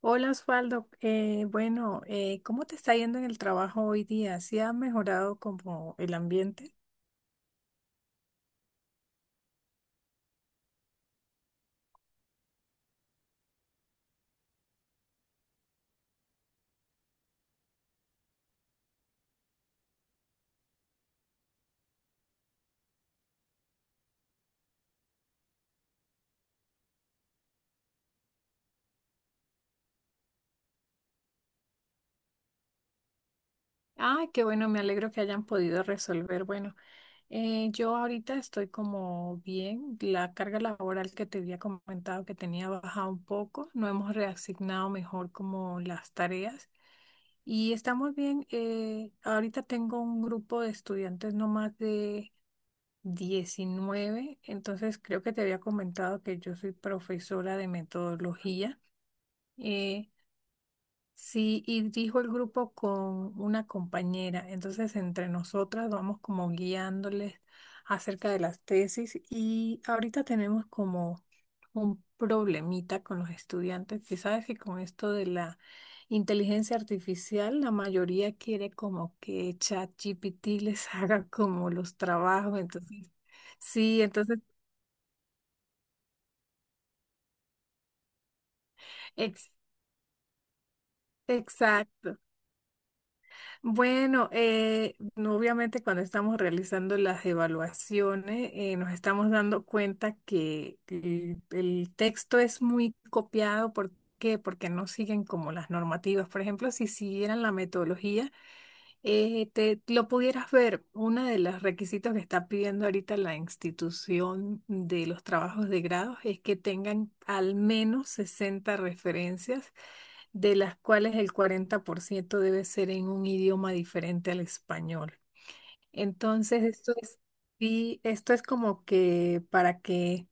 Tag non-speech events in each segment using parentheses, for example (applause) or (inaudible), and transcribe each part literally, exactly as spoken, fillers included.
Hola, Osvaldo. Eh, bueno, eh, ¿cómo te está yendo en el trabajo hoy día? ¿Sí ha mejorado como el ambiente? Ay, qué bueno, me alegro que hayan podido resolver. Bueno, eh, yo ahorita estoy como bien, la carga laboral que te había comentado que tenía bajado un poco, no hemos reasignado mejor como las tareas y estamos bien. Eh, ahorita tengo un grupo de estudiantes no más de diecinueve, entonces creo que te había comentado que yo soy profesora de metodología. eh, Sí, y dijo el grupo con una compañera. Entonces, entre nosotras vamos como guiándoles acerca de las tesis y ahorita tenemos como un problemita con los estudiantes, que sabes que con esto de la inteligencia artificial, la mayoría quiere como que ChatGPT les (laughs) haga como los trabajos. Entonces, sí, entonces, ex- exacto. Bueno, eh, no, obviamente cuando estamos realizando las evaluaciones eh, nos estamos dando cuenta que el, el texto es muy copiado. ¿Por qué? Porque no siguen como las normativas. Por ejemplo, si siguieran la metodología, eh, te lo pudieras ver. Uno de los requisitos que está pidiendo ahorita la institución de los trabajos de grado es que tengan al menos sesenta referencias, de las cuales el cuarenta por ciento debe ser en un idioma diferente al español. Entonces, esto es, y esto es como que para que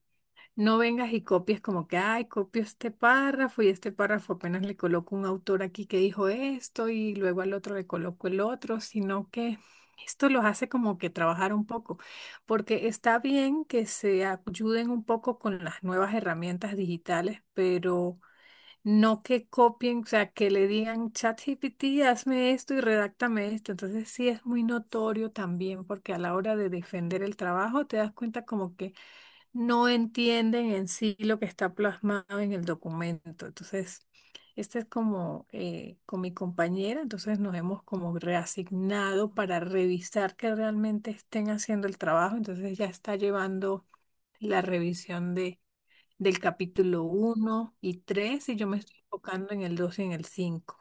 no vengas y copies como que, ay, copio este párrafo y este párrafo apenas le coloco un autor aquí que dijo esto y luego al otro le coloco el otro, sino que esto los hace como que trabajar un poco, porque está bien que se ayuden un poco con las nuevas herramientas digitales, pero no que copien, o sea, que le digan ChatGPT, hazme esto y redáctame esto. Entonces sí es muy notorio también porque a la hora de defender el trabajo te das cuenta como que no entienden en sí lo que está plasmado en el documento. Entonces, este es como eh, con mi compañera, entonces nos hemos como reasignado para revisar que realmente estén haciendo el trabajo. Entonces ya está llevando la revisión de, del capítulo uno y tres y yo me estoy enfocando en el dos y en el cinco.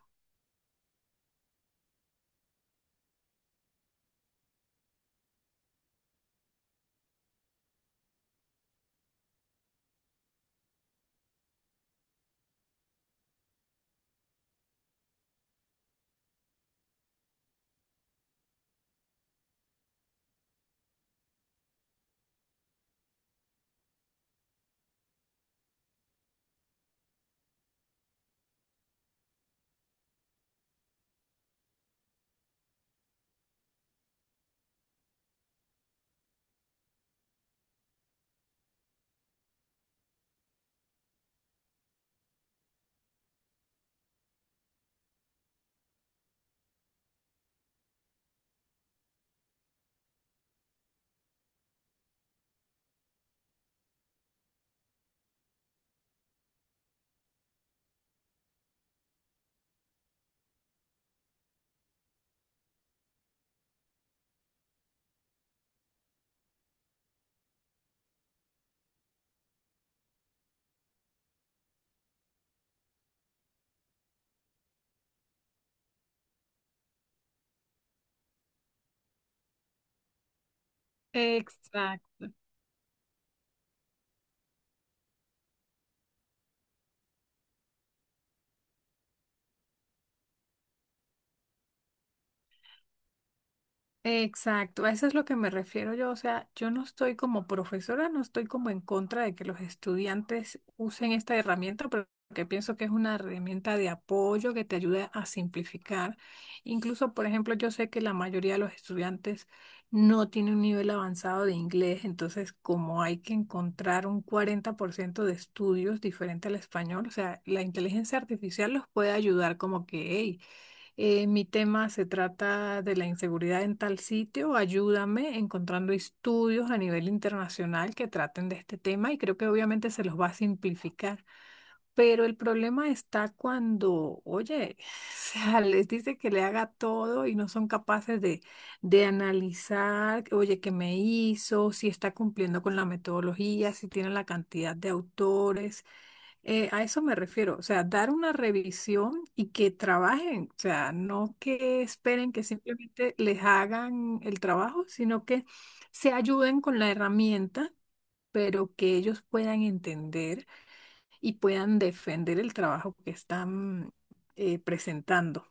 Exacto. Exacto, a eso es lo que me refiero yo. O sea, yo no estoy como profesora, no estoy como en contra de que los estudiantes usen esta herramienta, pero porque pienso que es una herramienta de apoyo que te ayuda a simplificar. Incluso, por ejemplo, yo sé que la mayoría de los estudiantes no tienen un nivel avanzado de inglés, entonces como hay que encontrar un cuarenta por ciento de estudios diferente al español, o sea, la inteligencia artificial los puede ayudar como que, hey, eh, mi tema se trata de la inseguridad en tal sitio. Ayúdame encontrando estudios a nivel internacional que traten de este tema y creo que obviamente se los va a simplificar. Pero el problema está cuando, oye, (laughs) o sea, les dice que le haga todo y no son capaces de, de analizar, oye, qué me hizo, si está cumpliendo con la metodología, si tiene la cantidad de autores. Eh, a eso me refiero, o sea, dar una revisión y que trabajen, o sea, no que esperen que simplemente les hagan el trabajo, sino que se ayuden con la herramienta, pero que ellos puedan entender y puedan defender el trabajo que están eh, presentando.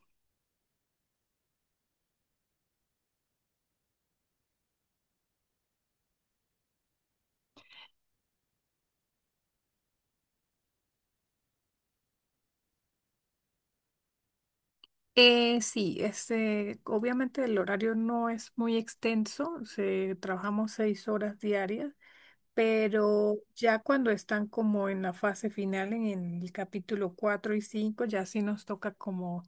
Eh, sí, este, obviamente el horario no es muy extenso, se, trabajamos seis horas diarias, pero ya cuando están como en la fase final, en el capítulo cuatro y cinco, ya sí nos toca como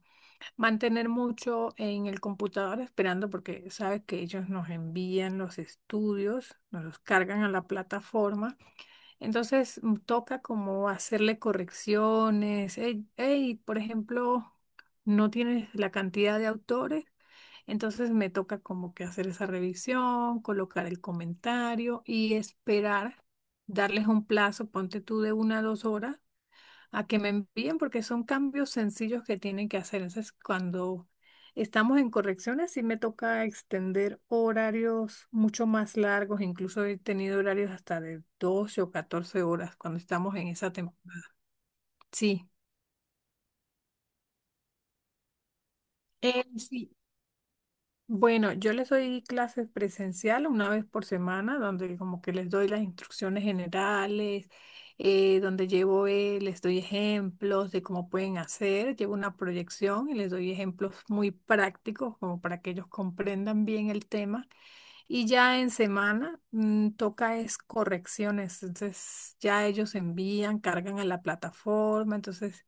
mantener mucho en el computador esperando porque sabes que ellos nos envían los estudios, nos los cargan a la plataforma. Entonces mm, toca como hacerle correcciones. Hey, hey, por ejemplo, no tienes la cantidad de autores, entonces me toca como que hacer esa revisión, colocar el comentario y esperar, darles un plazo, ponte tú de una a dos horas a que me envíen porque son cambios sencillos que tienen que hacer. Entonces, cuando estamos en correcciones, sí me toca extender horarios mucho más largos, incluso he tenido horarios hasta de doce o catorce horas cuando estamos en esa temporada. Sí. Eh, sí, bueno, yo les doy clases presencial una vez por semana, donde como que les doy las instrucciones generales, eh, donde llevo, eh, les doy ejemplos de cómo pueden hacer, llevo una proyección y les doy ejemplos muy prácticos como para que ellos comprendan bien el tema. Y ya en semana, mm, toca es correcciones, entonces ya ellos envían, cargan a la plataforma, entonces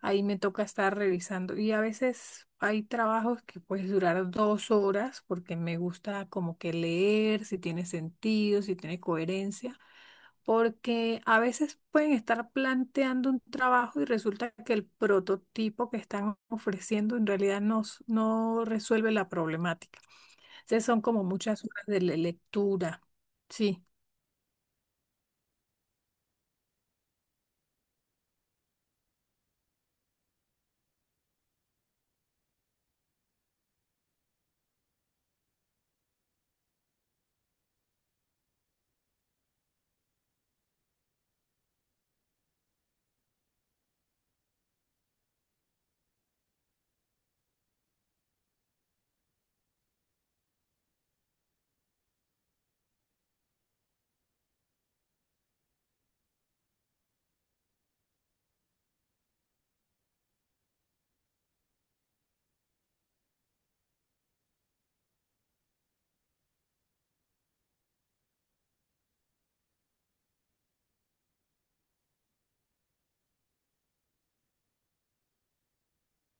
ahí me toca estar revisando. Y a veces hay trabajos que puedes durar dos horas porque me gusta como que leer, si tiene sentido, si tiene coherencia, porque a veces pueden estar planteando un trabajo y resulta que el prototipo que están ofreciendo en realidad no, s- no resuelve la problemática. Entonces son como muchas horas de le- lectura. Sí.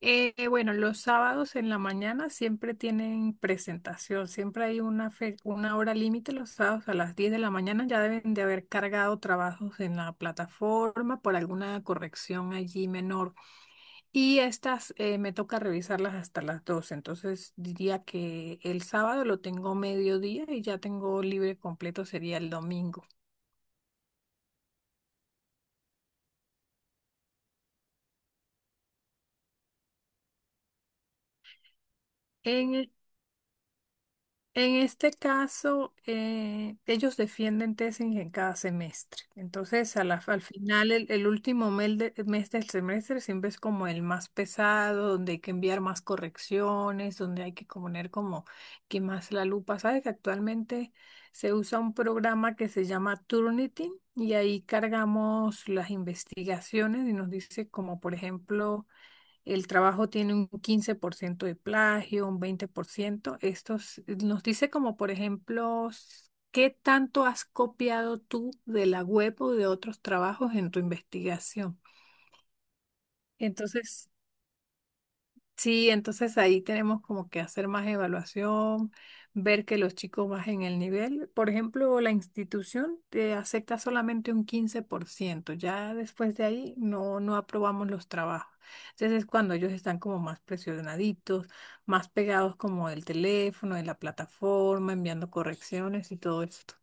Eh, eh, bueno, los sábados en la mañana siempre tienen presentación, siempre hay una, fe- una hora límite los sábados a las diez de la mañana, ya deben de haber cargado trabajos en la plataforma por alguna corrección allí menor y estas eh, me toca revisarlas hasta las doce, entonces diría que el sábado lo tengo mediodía y ya tengo libre completo sería el domingo. En, En este caso, eh, ellos defienden tesis en cada semestre. Entonces, a la- al final, el, el último mel de- mes del semestre siempre es como el más pesado, donde hay que enviar más correcciones, donde hay que poner como que más la lupa. Sabes que actualmente se usa un programa que se llama Turnitin y ahí cargamos las investigaciones y nos dice como, por ejemplo, el trabajo tiene un quince por ciento de plagio, un veinte por ciento. Esto s- nos dice como, por ejemplo, s- qué tanto has copiado tú de la web o de otros trabajos en tu investigación. Entonces, sí, entonces ahí tenemos como que hacer más evaluación, ver que los chicos bajen el nivel. Por ejemplo, la institución te acepta solamente un quince por ciento. Ya después de ahí no, no aprobamos los trabajos. Entonces es cuando ellos están como más presionaditos, más pegados como del teléfono, de la plataforma, enviando correcciones y todo esto.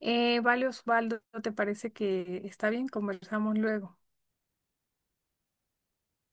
Eh, vale, Osvaldo, ¿te parece que está bien? Conversamos luego.